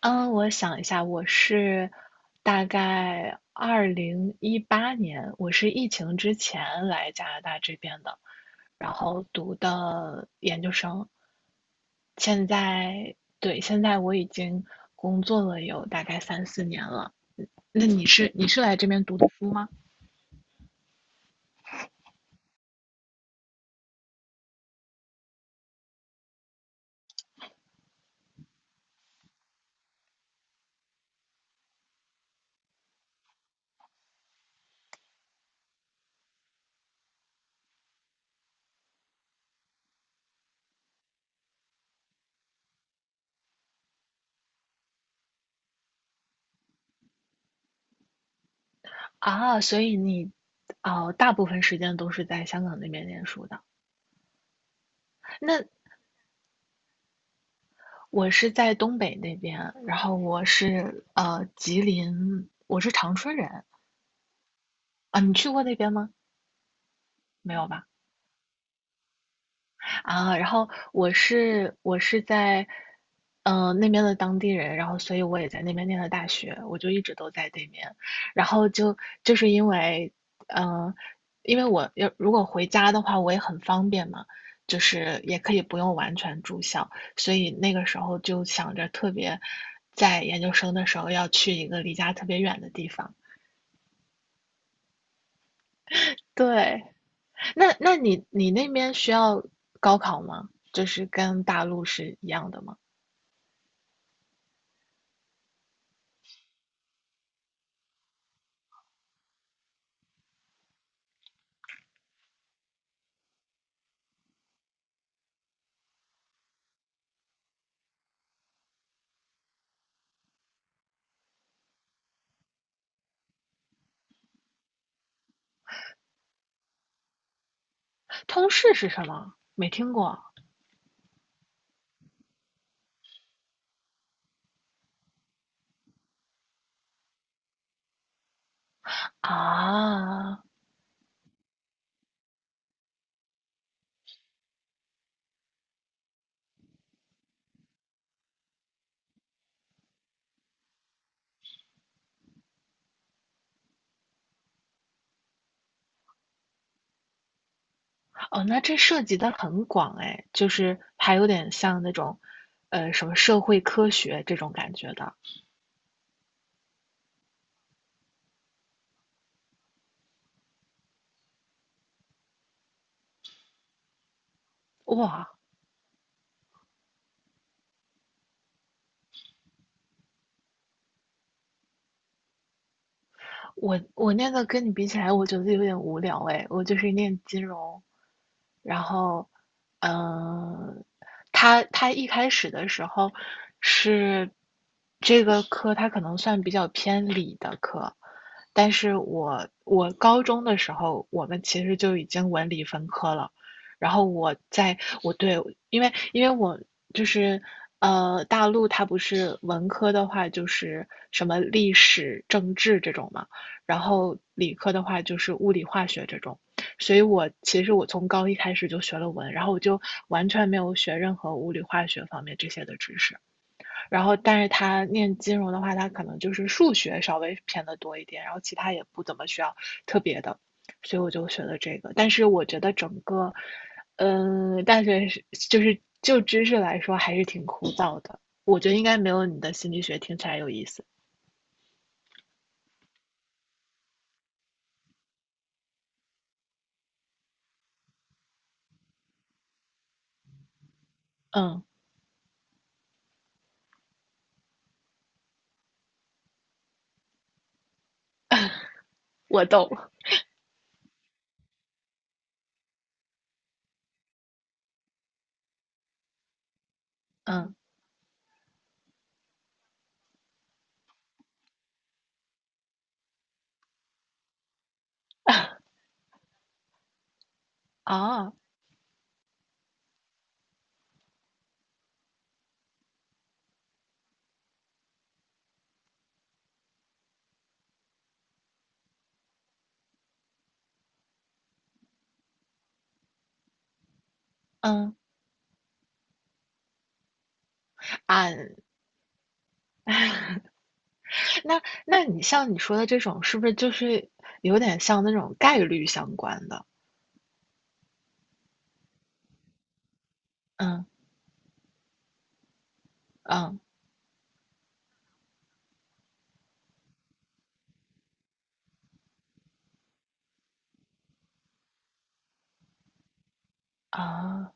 嗯，我想一下，我是大概2018年，我是疫情之前来加拿大这边的，然后读的研究生。现在，对，现在我已经工作了有大概三四年了。嗯那你是来这边读的书吗？啊，所以你哦，大部分时间都是在香港那边念书的。那我是在东北那边，然后我是吉林，我是长春人，啊，你去过那边吗？没有吧？啊，然后我是在那边的当地人，然后所以我也在那边念的大学，我就一直都在那边，然后就就是因为，嗯、因为我要如果回家的话，我也很方便嘛，就是也可以不用完全住校，所以那个时候就想着特别，在研究生的时候要去一个离家特别远的地方，对，那你那边需要高考吗？就是跟大陆是一样的吗？通识是什么？没听过啊。哦，那这涉及的很广哎，就是还有点像那种，什么社会科学这种感觉的。哇，我那个跟你比起来，我觉得有点无聊哎，我就是念金融，然后，嗯，他一开始的时候是这个科，他可能算比较偏理的科，但是我高中的时候，我们其实就已经文理分科了。然后我对，因为我就是大陆它不是文科的话就是什么历史、政治这种嘛，然后理科的话就是物理、化学这种。所以我其实从高一开始就学了文，然后我就完全没有学任何物理、化学方面这些的知识。然后，但是他念金融的话，他可能就是数学稍微偏的多一点，然后其他也不怎么需要特别的，所以我就学了这个。但是我觉得整个，大学就知识来说还是挺枯燥的，我觉得应该没有你的心理学听起来有意思。嗯，我懂。嗯，啊，嗯啊，那你像你说的这种，是不是就是有点像那种概率相关的？嗯，嗯，啊。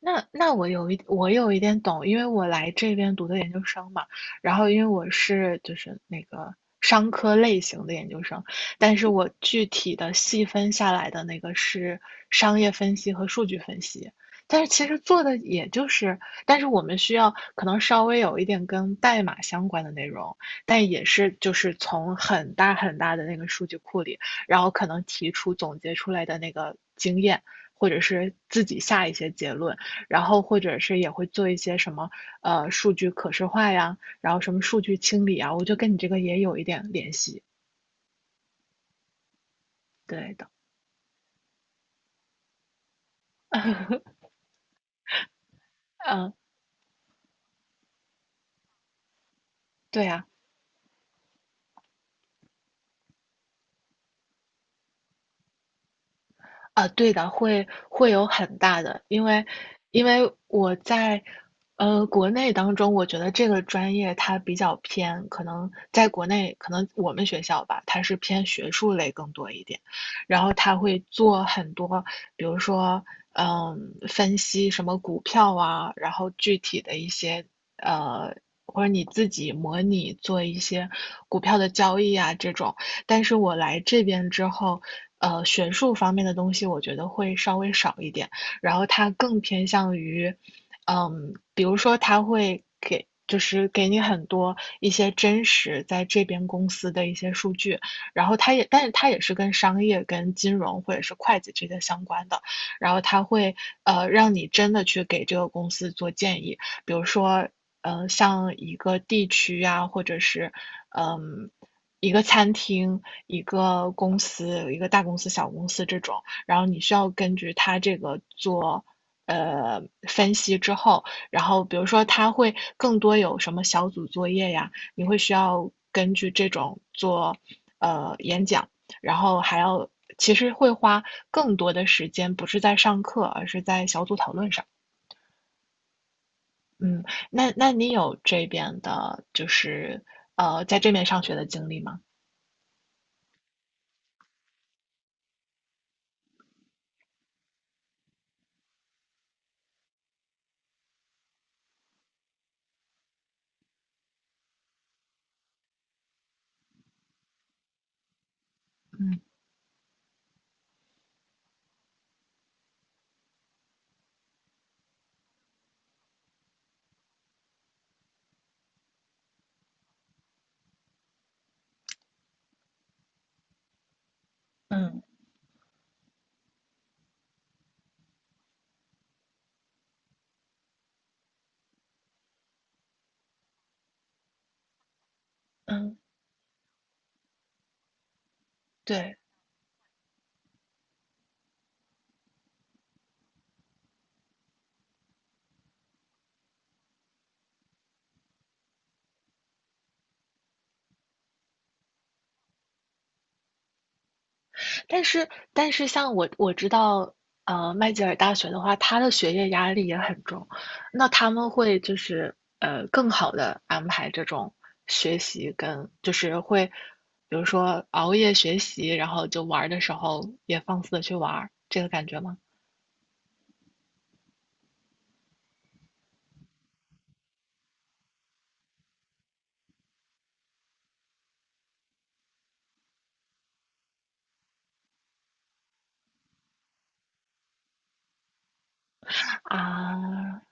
那我有一点懂，因为我来这边读的研究生嘛，然后因为就是那个商科类型的研究生，但是我具体的细分下来的那个是商业分析和数据分析，但是其实做的也就是，但是我们需要可能稍微有一点跟代码相关的内容，但也是就是从很大很大的那个数据库里，然后可能提出总结出来的那个经验。或者是自己下一些结论，然后或者是也会做一些什么，数据可视化呀，然后什么数据清理啊，我就跟你这个也有一点联系，对的。嗯，对呀、啊，对的，会有很大的，因为我在国内当中，我觉得这个专业它比较偏，可能在国内，可能我们学校吧，它是偏学术类更多一点，然后他会做很多，比如说分析什么股票啊，然后具体的一些呃。或者你自己模拟做一些股票的交易啊，这种，但是我来这边之后，学术方面的东西我觉得会稍微少一点，然后它更偏向于，比如说它会给。就是给你很多一些真实在这边公司的一些数据，然后但是它也是跟商业、跟金融或者是会计这些相关的，然后它会让你真的去给这个公司做建议，比如说像一个地区呀、或者是嗯、呃一个餐厅、一个公司、一个大公司、小公司这种，然后你需要根据它这个做呃分析之后，然后比如说它会更多有什么小组作业呀，你会需要根据这种做演讲，然后还要其实会花更多的时间，不是在上课，而是在小组讨论上。嗯，那你有这边的，就是在这边上学的经历吗？嗯嗯嗯，对，但是像我知道，麦吉尔大学的话，他的学业压力也很重，那他们会就是更好的安排这种学习跟就是会，比如说熬夜学习，然后就玩儿的时候也放肆的去玩儿，这个感觉吗？啊，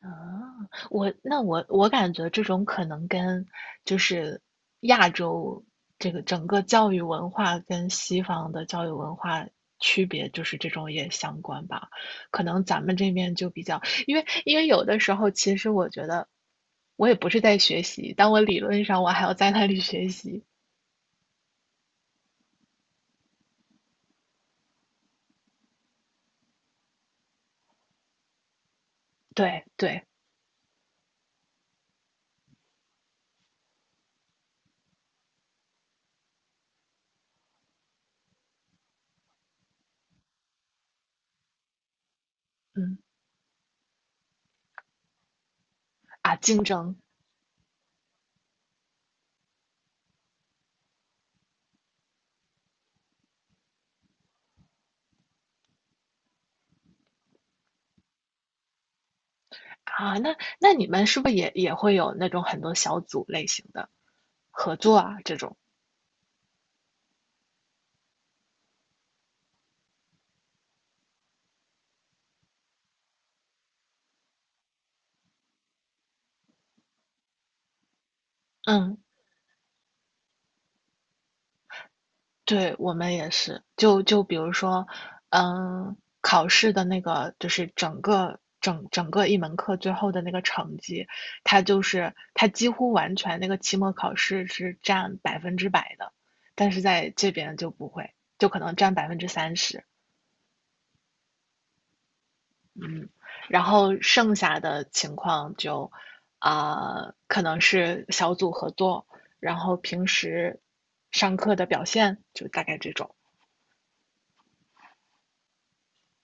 啊，我那我我感觉这种可能跟就是亚洲这个整个教育文化跟西方的教育文化区别，就是这种也相关吧。可能咱们这边就比较，因为有的时候其实我觉得我也不是在学习，但我理论上我还要在那里学习。对对，嗯啊，竞争啊，那你们是不是也会有那种很多小组类型的合作啊这种？嗯。对，我们也是。就比如说，嗯，考试的那个就是整个一门课最后的那个成绩，它就是它几乎完全那个期末考试是占100%的，但是在这边就不会，就可能占30%，嗯，然后剩下的情况就可能是小组合作，然后平时上课的表现，就大概这种。